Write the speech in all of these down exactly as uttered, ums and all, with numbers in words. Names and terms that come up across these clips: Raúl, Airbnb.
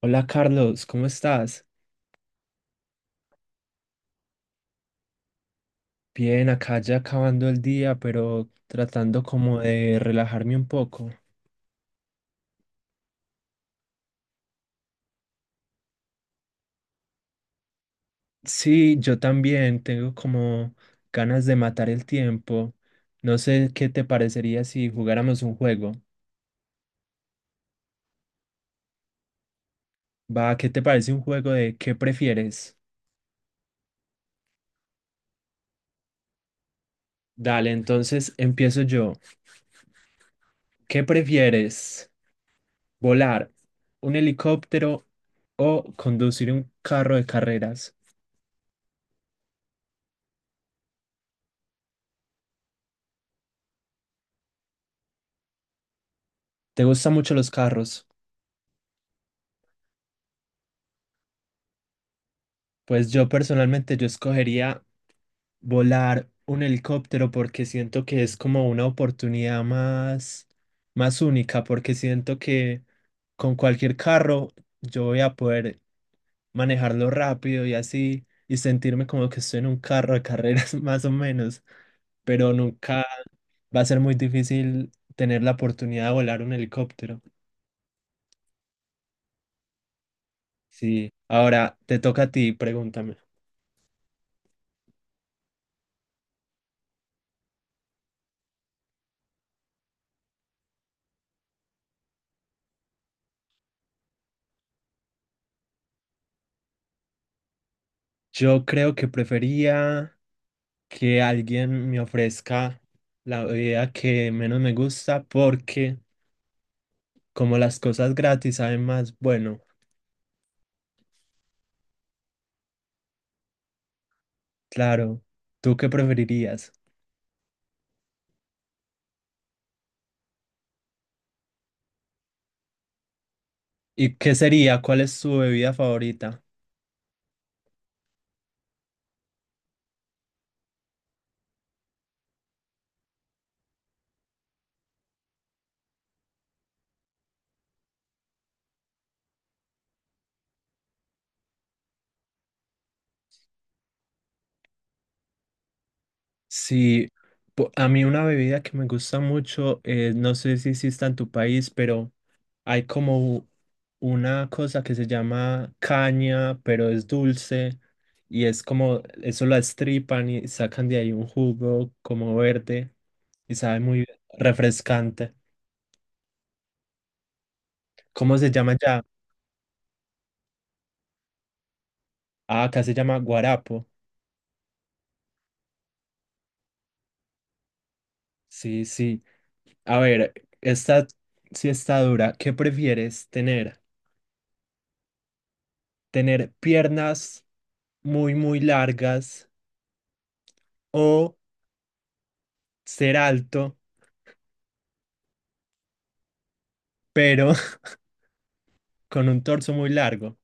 Hola Carlos, ¿cómo estás? Bien, acá ya acabando el día, pero tratando como de relajarme un poco. Sí, yo también tengo como ganas de matar el tiempo. No sé qué te parecería si jugáramos un juego. Va, ¿qué te parece un juego de qué prefieres? Dale, entonces empiezo yo. ¿Qué prefieres? ¿Volar un helicóptero o conducir un carro de carreras? ¿Te gustan mucho los carros? Pues yo personalmente yo escogería volar un helicóptero porque siento que es como una oportunidad más, más única, porque siento que con cualquier carro yo voy a poder manejarlo rápido y así y sentirme como que estoy en un carro de carreras más o menos, pero nunca va a ser muy difícil tener la oportunidad de volar un helicóptero. Sí, ahora te toca a ti, pregúntame. Yo creo que prefería que alguien me ofrezca la bebida que menos me gusta porque como las cosas gratis saben más, bueno, claro, ¿tú qué preferirías? ¿Y qué sería? ¿Cuál es tu bebida favorita? Si a mí una bebida que me gusta mucho, eh, no sé si exista en tu país, pero hay como u- una cosa que se llama caña, pero es dulce. Y es como, eso la estripan y sacan de ahí un jugo como verde. Y sabe muy bien, refrescante. ¿Cómo se llama ya? Ah, acá se llama guarapo. Sí, sí. A ver, esta sí está dura. ¿Qué prefieres tener? ¿Tener piernas muy, muy largas o ser alto, pero con un torso muy largo?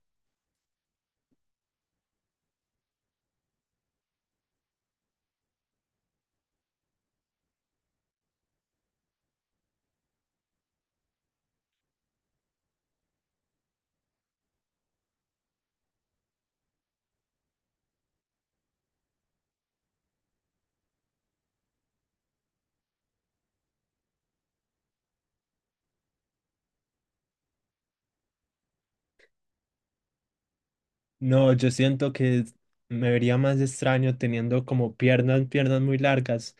No, yo siento que me vería más extraño teniendo como piernas, piernas muy largas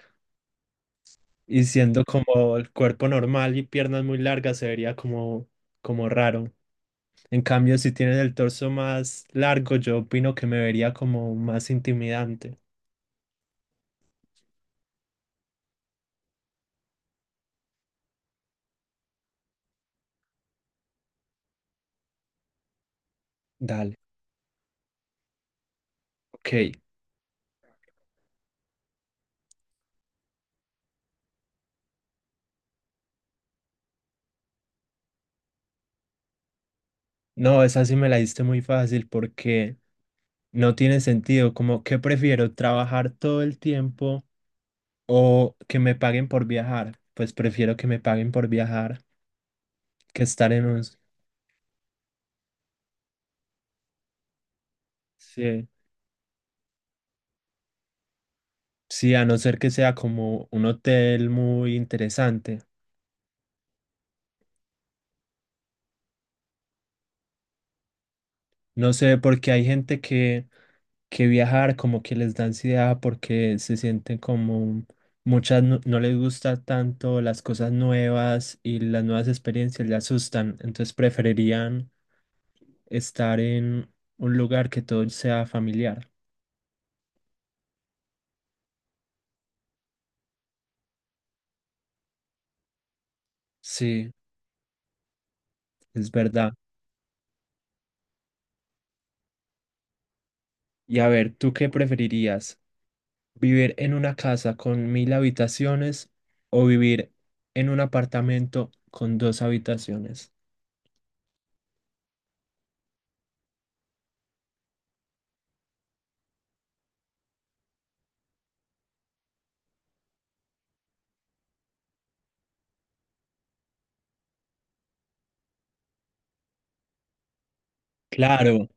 y siendo como el cuerpo normal y piernas muy largas se vería como, como raro. En cambio, si tienes el torso más largo, yo opino que me vería como más intimidante. Dale. Ok. No, esa sí me la diste muy fácil porque no tiene sentido. Como qué prefiero trabajar todo el tiempo o que me paguen por viajar. Pues prefiero que me paguen por viajar que estar en un... Sí. Sí, a no ser que sea como un hotel muy interesante. No sé, porque hay gente que que viajar, como que les da ansiedad porque se sienten como muchas no, no les gusta tanto las cosas nuevas y las nuevas experiencias les asustan, entonces preferirían estar en un lugar que todo sea familiar. Sí, es verdad. Y a ver, ¿tú qué preferirías? ¿Vivir en una casa con mil habitaciones o vivir en un apartamento con dos habitaciones? Claro.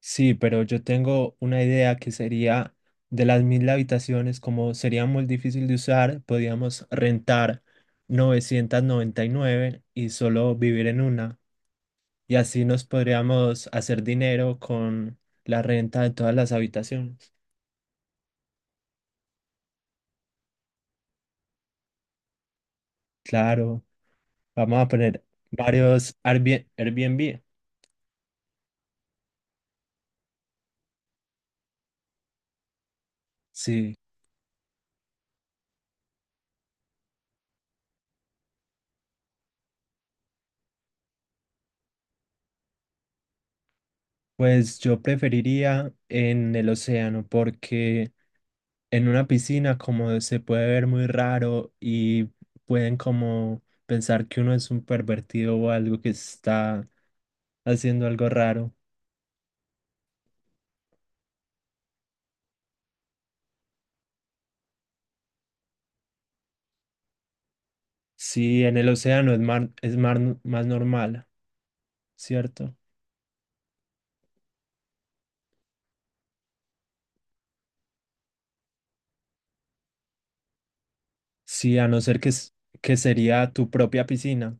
Sí, pero yo tengo una idea que sería de las mil habitaciones, como sería muy difícil de usar, podíamos rentar novecientos noventa y nueve y nueve y solo vivir en una. Y así nos podríamos hacer dinero con la renta de todas las habitaciones. Claro, vamos a poner varios Airbnb. Airbnb. Sí, pues yo preferiría en el océano porque en una piscina como se puede ver muy raro y pueden como pensar que uno es un pervertido o algo que está haciendo algo raro. Si en el océano es, mar- es mar- más normal, ¿cierto? Sí, a no ser que, s- que sería tu propia piscina.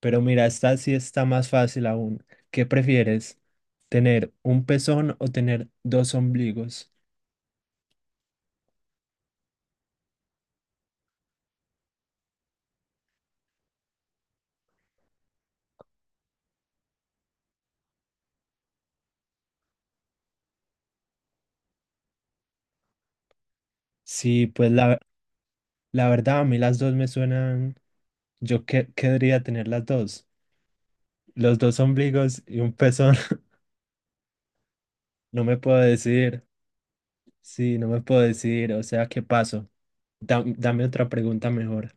Pero mira, esta sí está más fácil aún. ¿Qué prefieres? ¿Tener un pezón o tener dos ombligos? Sí, pues la, la verdad a mí las dos me suenan... Yo que, querría tener las dos. Los dos ombligos y un pezón. No me puedo decidir. Sí, no me puedo decidir. O sea, ¿qué paso? Dam- dame otra pregunta mejor.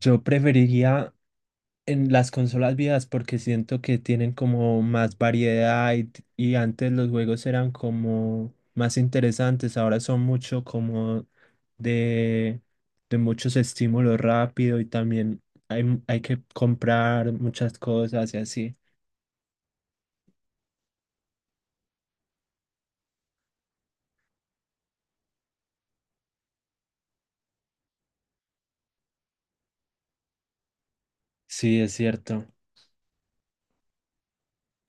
Yo preferiría en las consolas viejas porque siento que tienen como más variedad y, t- y antes los juegos eran como más interesantes. Ahora son mucho como de, de muchos estímulos rápido y también hay, m- hay que comprar muchas cosas y así. Sí, es cierto.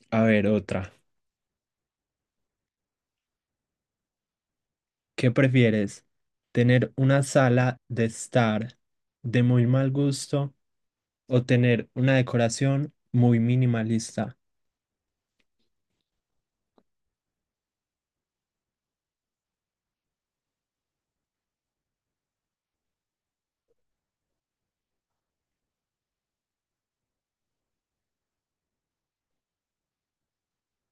A ver, otra. ¿Qué prefieres? ¿Tener una sala de estar de muy mal gusto o tener una decoración muy minimalista?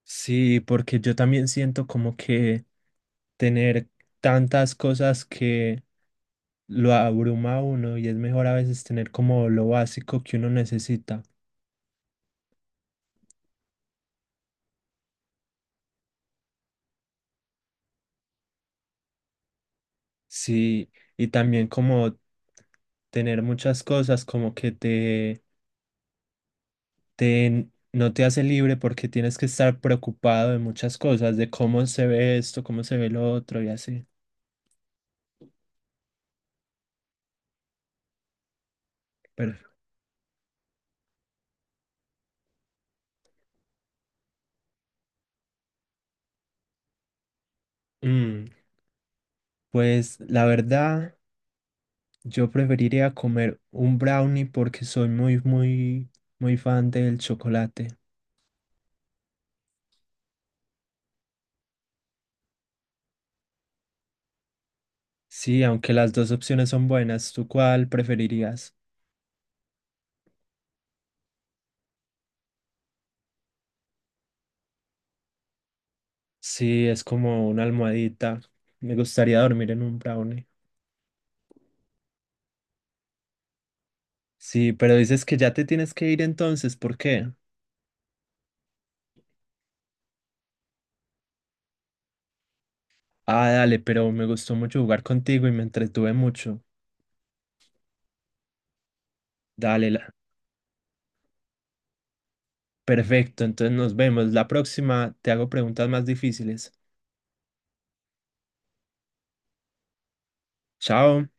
Sí, porque yo también siento como que tener tantas cosas que lo abruma a uno y es mejor a veces tener como lo básico que uno necesita. Sí, y también como tener muchas cosas como que te te, no te hace libre porque tienes que estar preocupado de muchas cosas, de cómo se ve esto, cómo se ve lo otro y así. Pero, mm, pues la verdad, yo preferiría comer un brownie porque soy muy, muy, muy fan del chocolate. Sí, aunque las dos opciones son buenas, ¿tú cuál preferirías? Sí, es como una almohadita. Me gustaría dormir en un brownie. Sí, pero dices que ya te tienes que ir entonces, ¿por qué? Ah, dale, pero me gustó mucho jugar contigo y me entretuve mucho. Dale, la- perfecto, entonces nos vemos. La próxima te hago preguntas más difíciles. Chao.